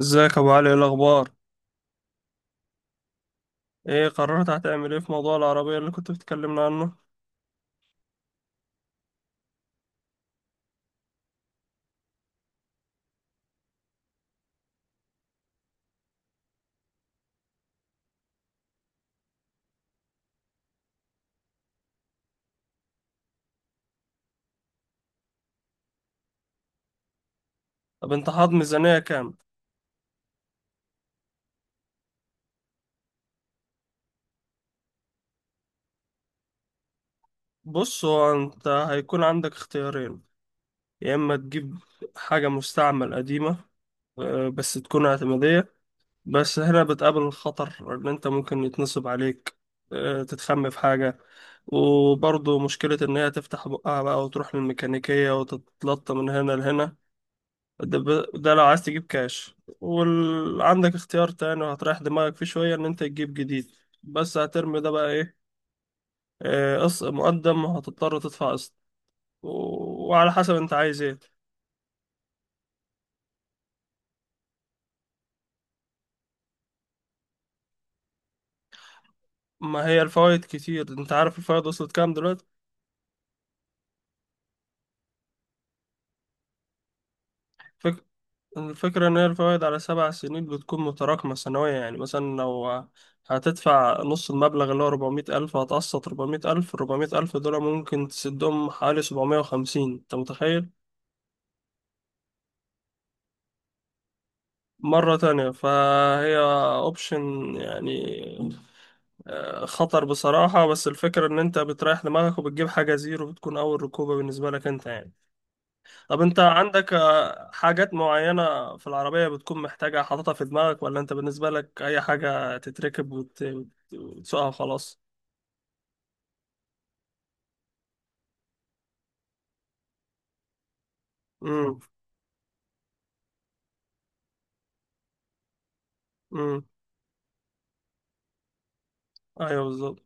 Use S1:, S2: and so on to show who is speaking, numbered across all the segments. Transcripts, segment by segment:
S1: ازيك يا ابو علي؟ ايه الاخبار؟ ايه قررت هتعمل ايه في موضوع العربيه اللي كنت بتكلمنا عنه؟ طب انت حاط ميزانيه كام؟ بص، هو انت هيكون عندك اختيارين: يا اما تجيب حاجه مستعمل قديمه، بس تكون اعتماديه، بس هنا بتقابل الخطر ان انت ممكن يتنصب عليك، تتخم في حاجه، وبرضه مشكله ان هي تفتح بقها بقى وتروح للميكانيكيه وتتلطم من هنا لهنا. ده لو عايز تجيب كاش. وعندك اختيار تاني وهتريح دماغك فيه شوية، ان انت تجيب جديد، بس هترمي ده بقى ايه؟ قسط مقدم وهتضطر تدفع قسط و... وعلى حسب انت عايز ايه. ما هي الفوائد كتير، انت عارف الفوائد وصلت كام دلوقتي؟ فك... الفكرة ان هي الفوائد على 7 سنين بتكون متراكمة سنوية. يعني مثلا لو هتدفع نص المبلغ اللي هو 400000 ألف، هتقسط 400000 ألف. 400 ألف دول ممكن تسدهم حوالي 750. أنت متخيل؟ مرة تانية، فهي اوبشن يعني، خطر بصراحة، بس الفكرة ان انت بتريح دماغك وبتجيب حاجة زيرو بتكون اول ركوبة بالنسبة لك انت يعني. طب انت عندك حاجات معينة في العربية بتكون محتاجة حاططها في دماغك، ولا انت بالنسبة لك اي حاجة تتركب وتسوقها وخلاص؟ امم. امم. ايوه بالظبط.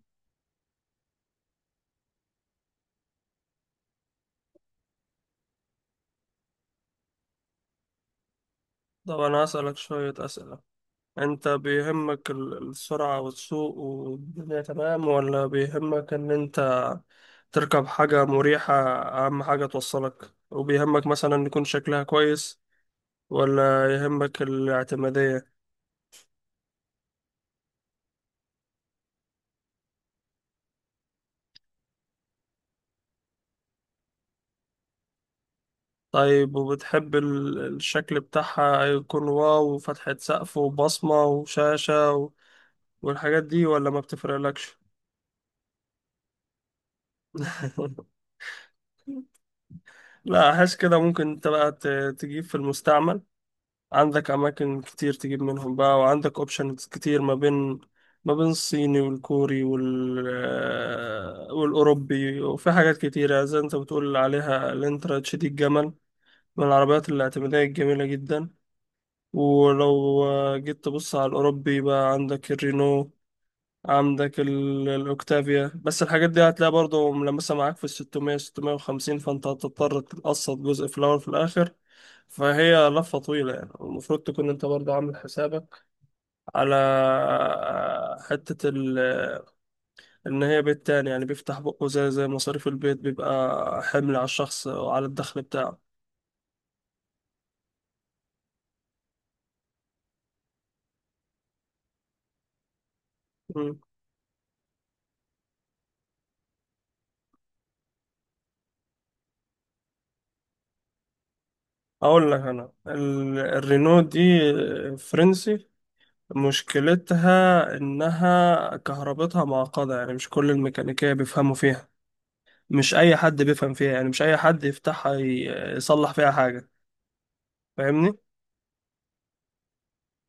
S1: طب انا هسألك شوية اسئلة. انت بيهمك السرعة والسوق والدنيا تمام، ولا بيهمك ان انت تركب حاجة مريحة أهم حاجة توصلك، وبيهمك مثلا يكون شكلها كويس، ولا يهمك الاعتمادية؟ طيب، وبتحب الشكل بتاعها يكون واو وفتحة سقف وبصمة وشاشة والحاجات دي، ولا ما بتفرقلكش؟ لا، أحس كده ممكن أنت بقى تجيب في المستعمل. عندك اماكن كتير تجيب منهم بقى، وعندك اوبشنز كتير ما بين، ما بين الصيني والكوري وال آه، والاوروبي. وفي حاجات كتيره زي انت بتقول عليها الانترا تشيدي الجمل، من العربيات الاعتماديه الجميله جدا. ولو جيت تبص على الاوروبي بقى، عندك الرينو، عندك الأوكتافيا، بس الحاجات دي هتلاقي برضو ملمسة معاك في الستمية، ستمية وخمسين، فأنت هتضطر تقسط جزء في الأول وفي الآخر. فهي لفة طويلة يعني، المفروض تكون أنت برضو عامل حسابك على حتة إن هي بيت تاني يعني، بيفتح بقه زي، زي مصاريف البيت بيبقى حمل على الشخص وعلى الدخل بتاعه. مم. أقول لك، أنا الرينو دي فرنسي. مشكلتها إنها كهربتها معقدة، يعني مش كل الميكانيكية بيفهموا فيها، مش أي حد بيفهم فيها، يعني مش أي حد يفتحها يصلح فيها حاجة. فاهمني؟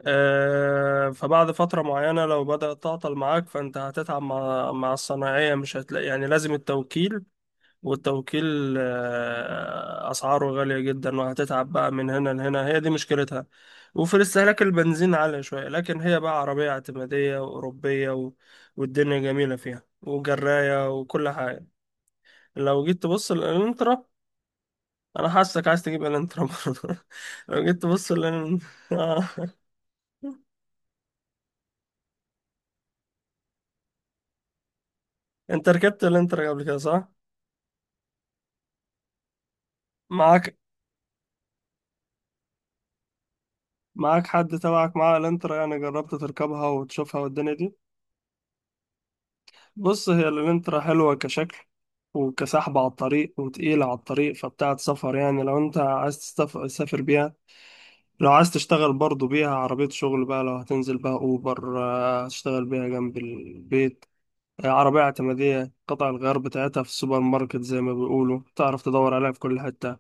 S1: آه، فبعد فترة معينة لو بدأت تعطل معاك، فأنت هتتعب مع الصناعية مش هتلاقي، يعني لازم التوكيل، والتوكيل أسعاره غالية جدا، وهتتعب بقى من هنا لهنا. هي دي مشكلتها. وفي استهلاك البنزين عالية شوية، لكن هي بقى عربية اعتمادية وأوروبية والدنيا جميلة فيها وجراية وكل حاجة. لو جيت تبص للانترا، أنا حاسك عايز تجيب الانترا برضه. لو جيت تبص لل، آه. أنت ركبت الانترا قبل كده، صح؟ معاك. معاك حد تبعك معاه الانترا، يعني جربت تركبها وتشوفها والدنيا دي؟ بص، هي الانترا حلوة كشكل، وكسحب على الطريق، وتقيلة على الطريق، فبتاعة سفر يعني لو انت عايز تسافر بيها. لو عايز تشتغل برضو بيها عربية شغل بقى، لو هتنزل بقى اوبر، هتشتغل بيها جنب البيت. عربية اعتمادية، قطع الغيار بتاعتها في السوبر ماركت زي ما بيقولوا، تعرف تدور عليها في كل حتة.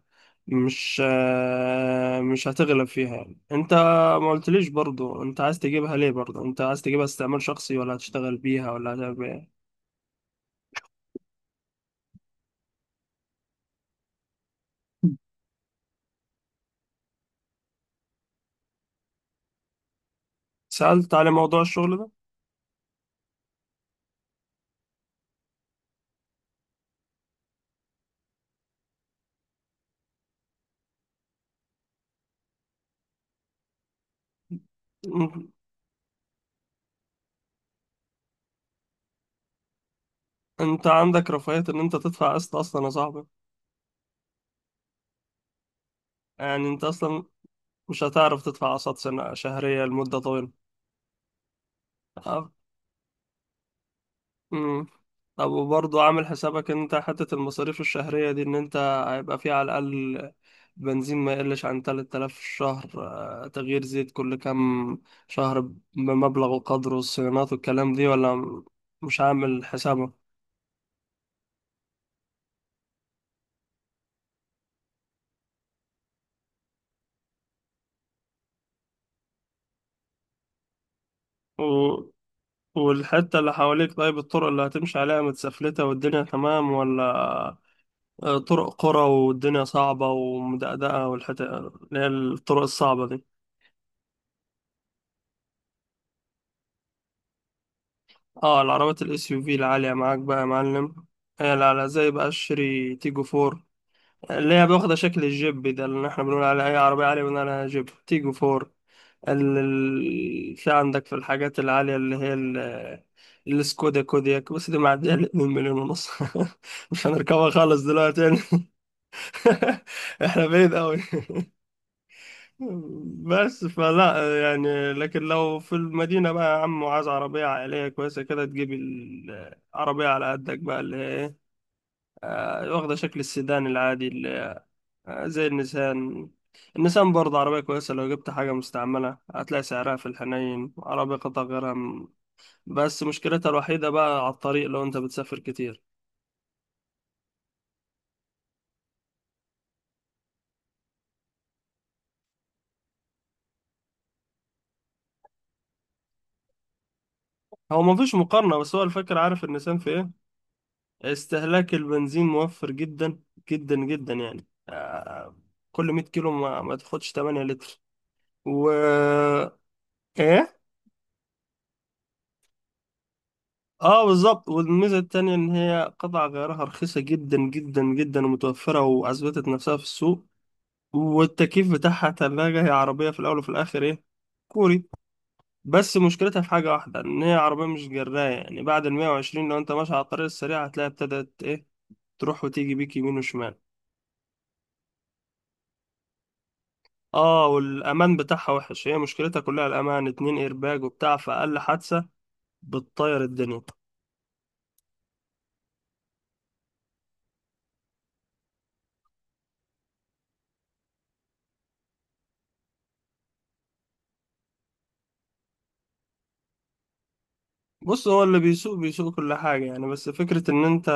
S1: مش مش هتغلب فيها يعني. انت ما قلتليش برضو انت عايز تجيبها ليه، برضو انت عايز تجيبها استعمال شخصي، ولا هتشتغل بيها، ولا هتعمل بيها؟ سألت على موضوع الشغل ده. م- انت عندك رفاهية ان انت تدفع قسط اصلا يا صاحبي؟ يعني انت اصلا مش هتعرف تدفع قسط سنة شهرية لمدة طويلة. أب... مم. طب، وبرضه عامل حسابك ان انت حتة المصاريف الشهرية دي؟ ان انت هيبقى فيه على الأقل بنزين ما يقلش عن 3000 في الشهر، تغيير زيت كل كام شهر بمبلغ وقدره، الصيانات والكلام دي، ولا مش عامل حسابك؟ والحتة اللي حواليك، طيب الطرق اللي هتمشي عليها متسفلتة والدنيا تمام، ولا طرق قرى والدنيا صعبة ومدقدقة، والحتة اللي هي الطرق الصعبة دي؟ اه، العربيات الاس يو في العالية معاك بقى يا معلم. هي على زي بقى الشيري تيجو فور اللي هي واخدة شكل الجيب ده، اللي احنا بنقول عليها أي عربية عالية بنقول عليها جيب تيجو فور. في عندك في الحاجات العالية اللي هي السكودا كودياك، بس دي معدية ال 2.5 مليون. مش هنركبها خالص دلوقتي. احنا بعيد قوي. بس فلا يعني، لكن لو في المدينة بقى يا عم، وعايز عربية عائلية كويسة كده، تجيب العربية على قدك بقى اللي هي ايه، واخدة شكل السيدان العادي، اللي زي النسان. النسان برضه عربية كويسة، لو جبت حاجة مستعملة هتلاقي سعرها في الحنين، عربية قطع غيرها بس مشكلتها الوحيدة بقى على الطريق لو انت بتسافر كتير. هو مفيش مقارنة، بس هو الفكرة عارف النسان في ايه؟ استهلاك البنزين موفر جدا، جدا جدا يعني. كل 100 كيلو ما تاخدش 8 لتر و. ايه؟ اه بالظبط. والميزه التانية ان هي قطع غيارها رخيصه جدا جدا جدا، ومتوفره، واثبتت نفسها في السوق. والتكييف بتاعها تلاجة، هي عربيه في الاول وفي الاخر ايه؟ كوري. بس مشكلتها في حاجه واحده، ان هي عربيه مش جرايه، يعني بعد ال 120 لو انت ماشي على الطريق السريع هتلاقي ابتدت ايه، تروح وتيجي بيك يمين وشمال. اه، والامان بتاعها وحش، هي مشكلتها كلها الامان، اتنين ايرباج وبتاع، فاقل حادثه بتطير الدنيا. بص، هو اللي بيسوق بيسوق كل حاجه يعني، بس فكره ان انت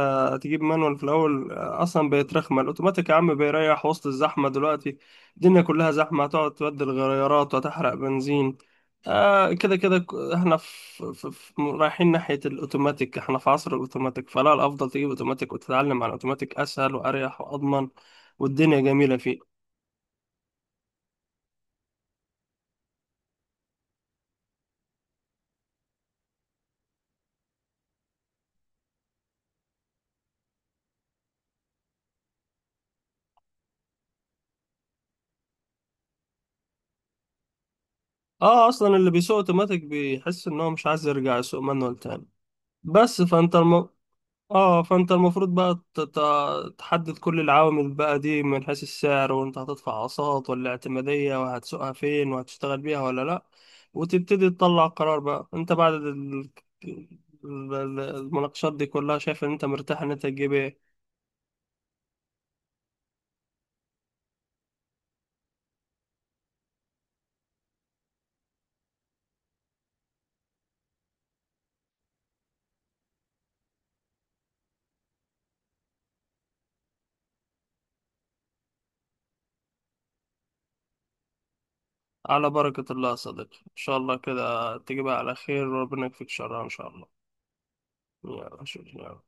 S1: تجيب مانوال في الاول، اصلا بقت رخمه. الاوتوماتيك يا عم بيريح وسط الزحمه دلوقتي، الدنيا كلها زحمه. هتقعد تبدل غيارات وتحرق بنزين؟ آه، كده كده احنا في, رايحين ناحيه الاوتوماتيك، احنا في عصر الاوتوماتيك. فلا، الافضل تجيب اوتوماتيك وتتعلم على الاوتوماتيك، اسهل واريح واضمن، والدنيا جميله فيه. اه، اصلا اللي بيسوق اوتوماتيك بيحس ان هو مش عايز يرجع يسوق مانوال تاني. بس فانت الم... اه، فانت المفروض بقى تحدد كل العوامل بقى دي، من حيث السعر وانت هتدفع اقساط ولا اعتمادية، وهتسوقها فين، وهتشتغل بيها ولا لا، وتبتدي تطلع قرار بقى انت بعد ال- المناقشات دي كلها، شايف ان انت مرتاح ان انت تجيب ايه. على بركة الله يا صديقي، ان شاء الله كده تجيبها على خير، وربنا يكفيك شرها ان شاء الله. يلا شكرا.